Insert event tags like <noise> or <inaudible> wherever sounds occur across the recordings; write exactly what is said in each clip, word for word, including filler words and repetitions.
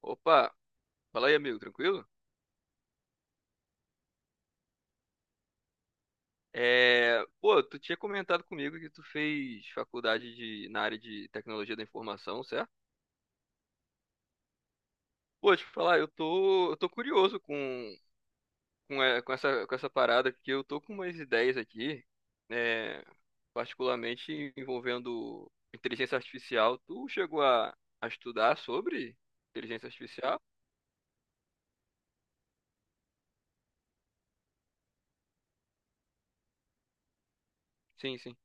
Opa, fala aí, amigo, tranquilo? É, pô, tu tinha comentado comigo que tu fez faculdade de, na área de tecnologia da informação, certo? Pô, deixa eu te falar, eu tô, eu tô curioso com, com, é, com essa, com essa parada, porque eu tô com umas ideias aqui, é, particularmente envolvendo inteligência artificial. Tu chegou a, a estudar sobre inteligência artificial? Sim, sim.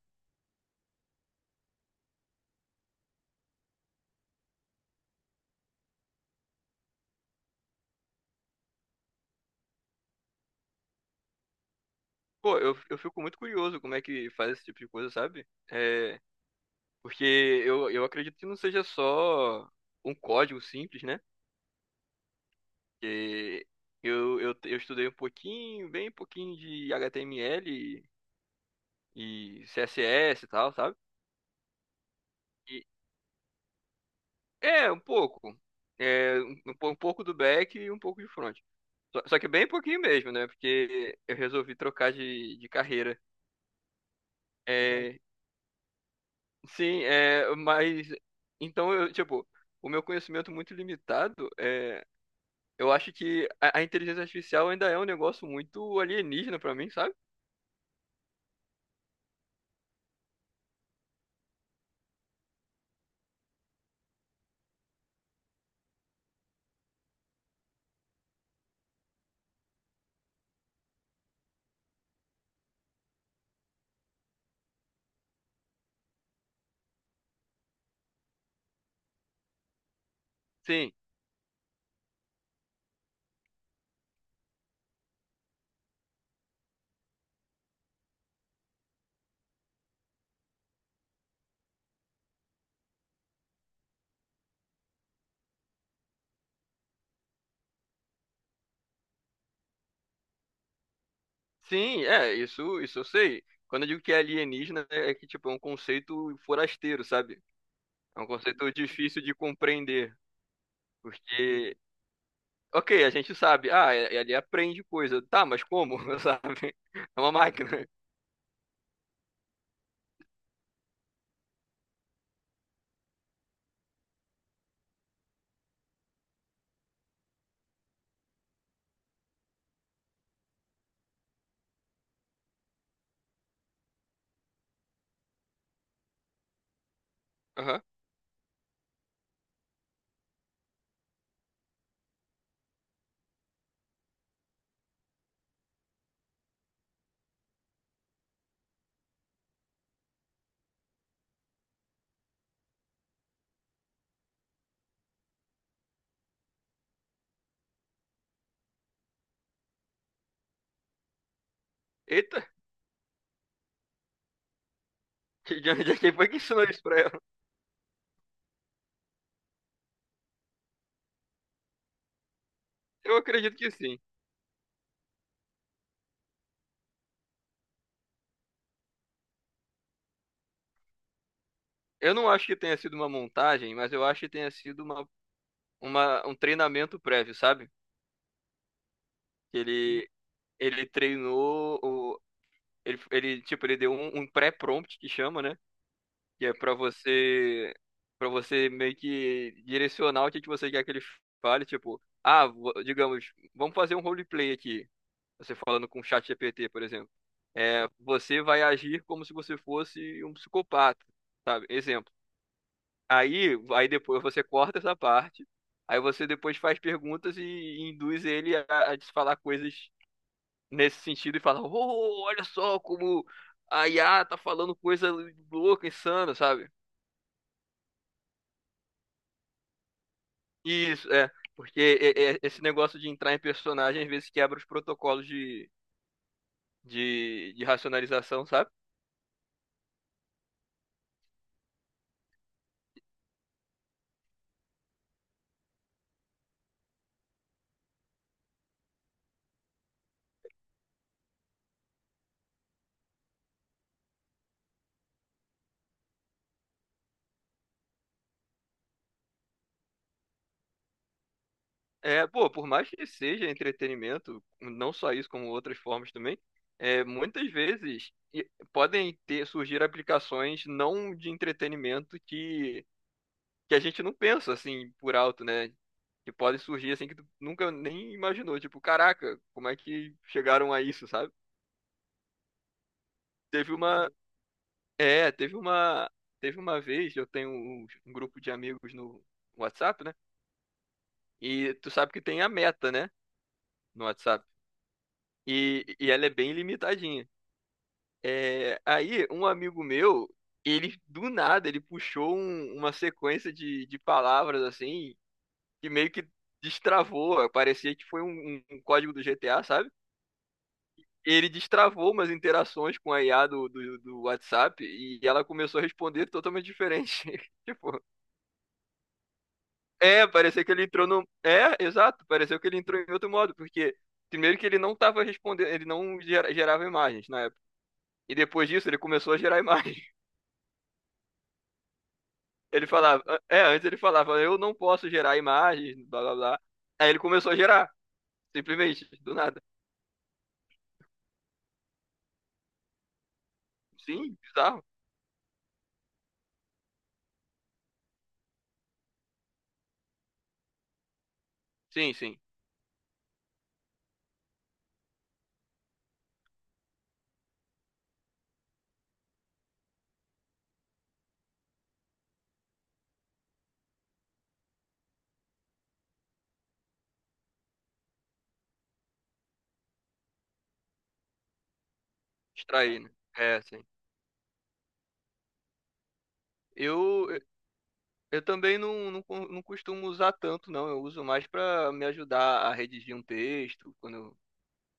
Pô, eu, eu fico muito curioso como é que faz esse tipo de coisa, sabe? É, Porque eu, eu acredito que não seja só um código simples, né? Que eu, eu, eu estudei um pouquinho, bem pouquinho de H T M L e C S S e tal, sabe? E, é, um pouco. É, um, um po- um pouco do back e um pouco de front. Só, só que bem pouquinho mesmo, né? Porque eu resolvi trocar de, de carreira. É, sim, é, mas. Então, eu, tipo, o meu conhecimento muito limitado é. Eu acho que a, a inteligência artificial ainda é um negócio muito alienígena pra mim, sabe? Sim, sim, é, isso, isso eu sei. Quando eu digo que é alienígena, é é que, tipo, é um conceito forasteiro, sabe? É um conceito difícil de compreender, porque, ok, a gente sabe, ah, é- ele aprende coisa, tá, mas como, <laughs> sabe? É uma máquina. Aham. Eita, de onde <laughs> é que foi que ensinou isso pra ela? Eu acredito que sim. Eu não acho que tenha sido uma montagem, mas eu acho que tenha sido uma, uma, um treinamento prévio, sabe? Que ele, ele treinou, o- ele, ele, tipo, ele deu um, um pré-prompt que chama, né? Que é pra você, para você meio que direcionar o que que você quer que ele fale, tipo, ah, vo- digamos, vamos fazer um roleplay aqui, você falando com o chat G P T, por exemplo. É, você vai agir como se você fosse um psicopata, sabe? Exemplo. Aí, aí depois você corta essa parte, aí você depois faz perguntas e induz ele a, a te falar coisas nesse sentido e falar, oh, olha só como a I A tá falando coisa louca, insana, sabe? Isso, é. Porque é- é- esse negócio de entrar em personagem às vezes quebra os protocolos de, de, de racionalização, sabe? É, pô, por mais que seja entretenimento, não só isso, como outras formas também, é, muitas vezes e- podem ter surgir aplicações não de entretenimento que, que a gente não pensa assim por alto, né? Que podem surgir assim que tu nunca nem imaginou. Tipo, caraca, como é que chegaram a isso, sabe? Teve uma. É, teve uma. Teve uma vez, eu tenho um, um grupo de amigos no WhatsApp, né? E tu sabe que tem a meta, né? No WhatsApp. E, e ela é bem limitadinha. É, aí, um amigo meu, ele do nada, ele puxou um- uma sequência de, de palavras assim, que meio que destravou, eh, parecia que foi um, um- um código do G T A, sabe? Ele destravou umas interações com a I A do, do, do WhatsApp e ela começou a responder totalmente diferente. <laughs> Tipo, é, parecia que ele entrou no. É, exato, pareceu que ele entrou em outro modo, porque primeiro que ele não tava respondendo, ele não gera- gerava imagens na época. E depois disso ele começou a gerar <laughs> imagens. Ele falava, é, antes ele falava, eu não posso gerar imagens, blá blá blá. Aí ele começou a gerar, simplesmente, do nada. Sim, bizarro. Sim, sim. Extrair, né? É, sim. Eu, eu também não, não, co- não costumo usar tanto, não. Eu uso mais pra me ajudar a redigir um texto, quando,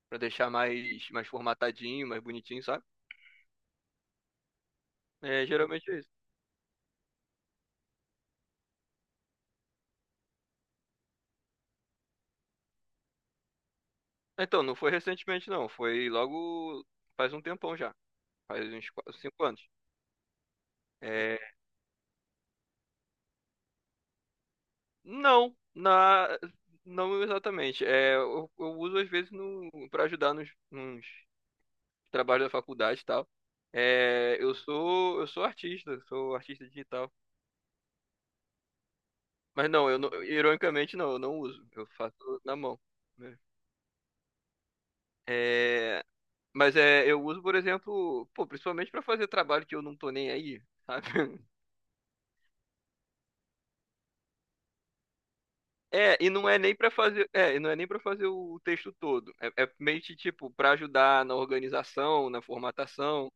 para deixar mais, mais formatadinho, mais bonitinho, sabe? É, geralmente é isso. Então, não foi recentemente, não. Foi logo faz um tempão já. Faz uns quatro, cinco anos. É, Não, na, não exatamente. É, eu, eu uso às vezes no, para ajudar nos, nos trabalhos da faculdade e tal. É, eu sou, eu sou artista, sou artista digital. Mas não, eu não, ironicamente não, eu não uso. Eu faço na mão. Né? É, mas é, eu uso, por exemplo, pô, principalmente para fazer trabalho que eu não tô nem aí, sabe? <laughs> É, e não é nem para fazer, é, e não é nem para fazer o texto todo. É, é meio que tipo para ajudar na organização, na formatação.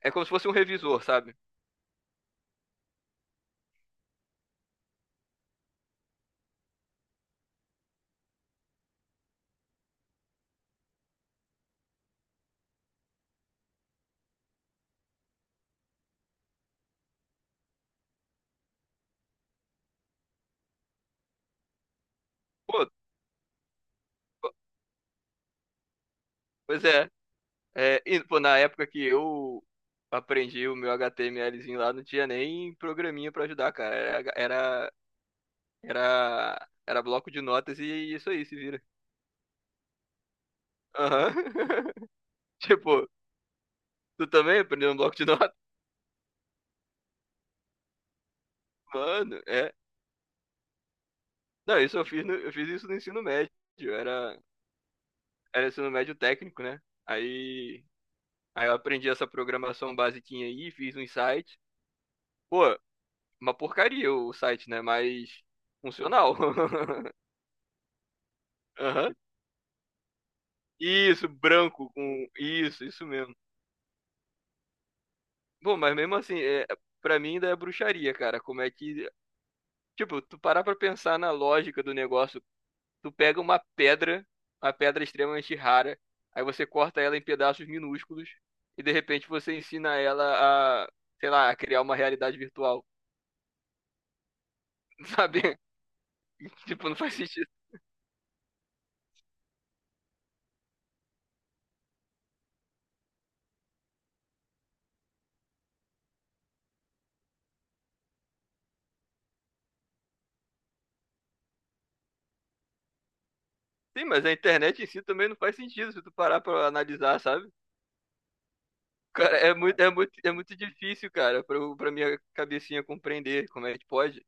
É como se fosse um revisor, sabe? Pô, po- pois é. É, e, pô, na época que eu aprendi o meu HTMLzinho lá, não tinha nem programinha pra ajudar, cara. Era, era, era, era bloco de notas e isso aí, se vira. Aham. <laughs> Tipo, tu também aprendeu um bloco de notas? <laughs> Mano, é. Não, isso eu fiz, no- eu fiz isso no ensino médio. Era, era ensino médio técnico, né? Aí, aí eu aprendi essa programação basiquinha aí, fiz um site. Pô, uma porcaria o site, né? Mas funcional. <laughs> Aham. Isso, branco com isso, isso mesmo. Bom, mas mesmo assim, é, para mim ainda é bruxaria, cara. Como é que, tipo, tu parar pra pensar na lógica do negócio, tu pega uma pedra, uma pedra extremamente rara, aí você corta ela em pedaços minúsculos e de repente você ensina ela a, sei lá, a criar uma realidade virtual, <laughs> sabe? Tipo, não faz sentido. Sim, mas a internet em si também não faz sentido se tu parar pra analisar, sabe? Cara, é muito, é muito, é muito difícil, cara, pra, eu- pra minha cabecinha compreender como é que pode.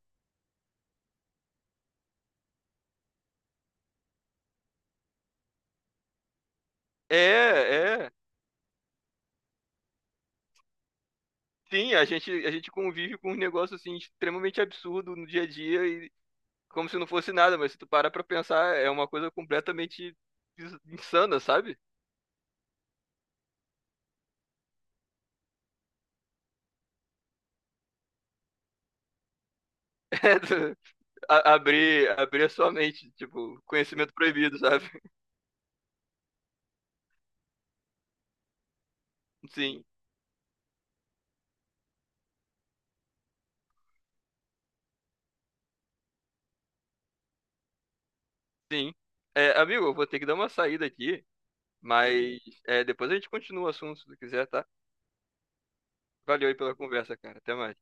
É, é. Sim, a gente, a gente convive com um negócio assim extremamente absurdo no dia a dia e como se não fosse nada, mas se tu parar pra pensar, é uma coisa completamente ins- insana, sabe? <laughs> É, tu- a- abrir, abrir a sua mente, tipo, conhecimento proibido, sabe? <laughs> Sim, sim. É, amigo, eu vou ter que dar uma saída aqui, mas é, depois a gente continua o assunto, se tu quiser, tá? Valeu aí pela conversa, cara. Até mais.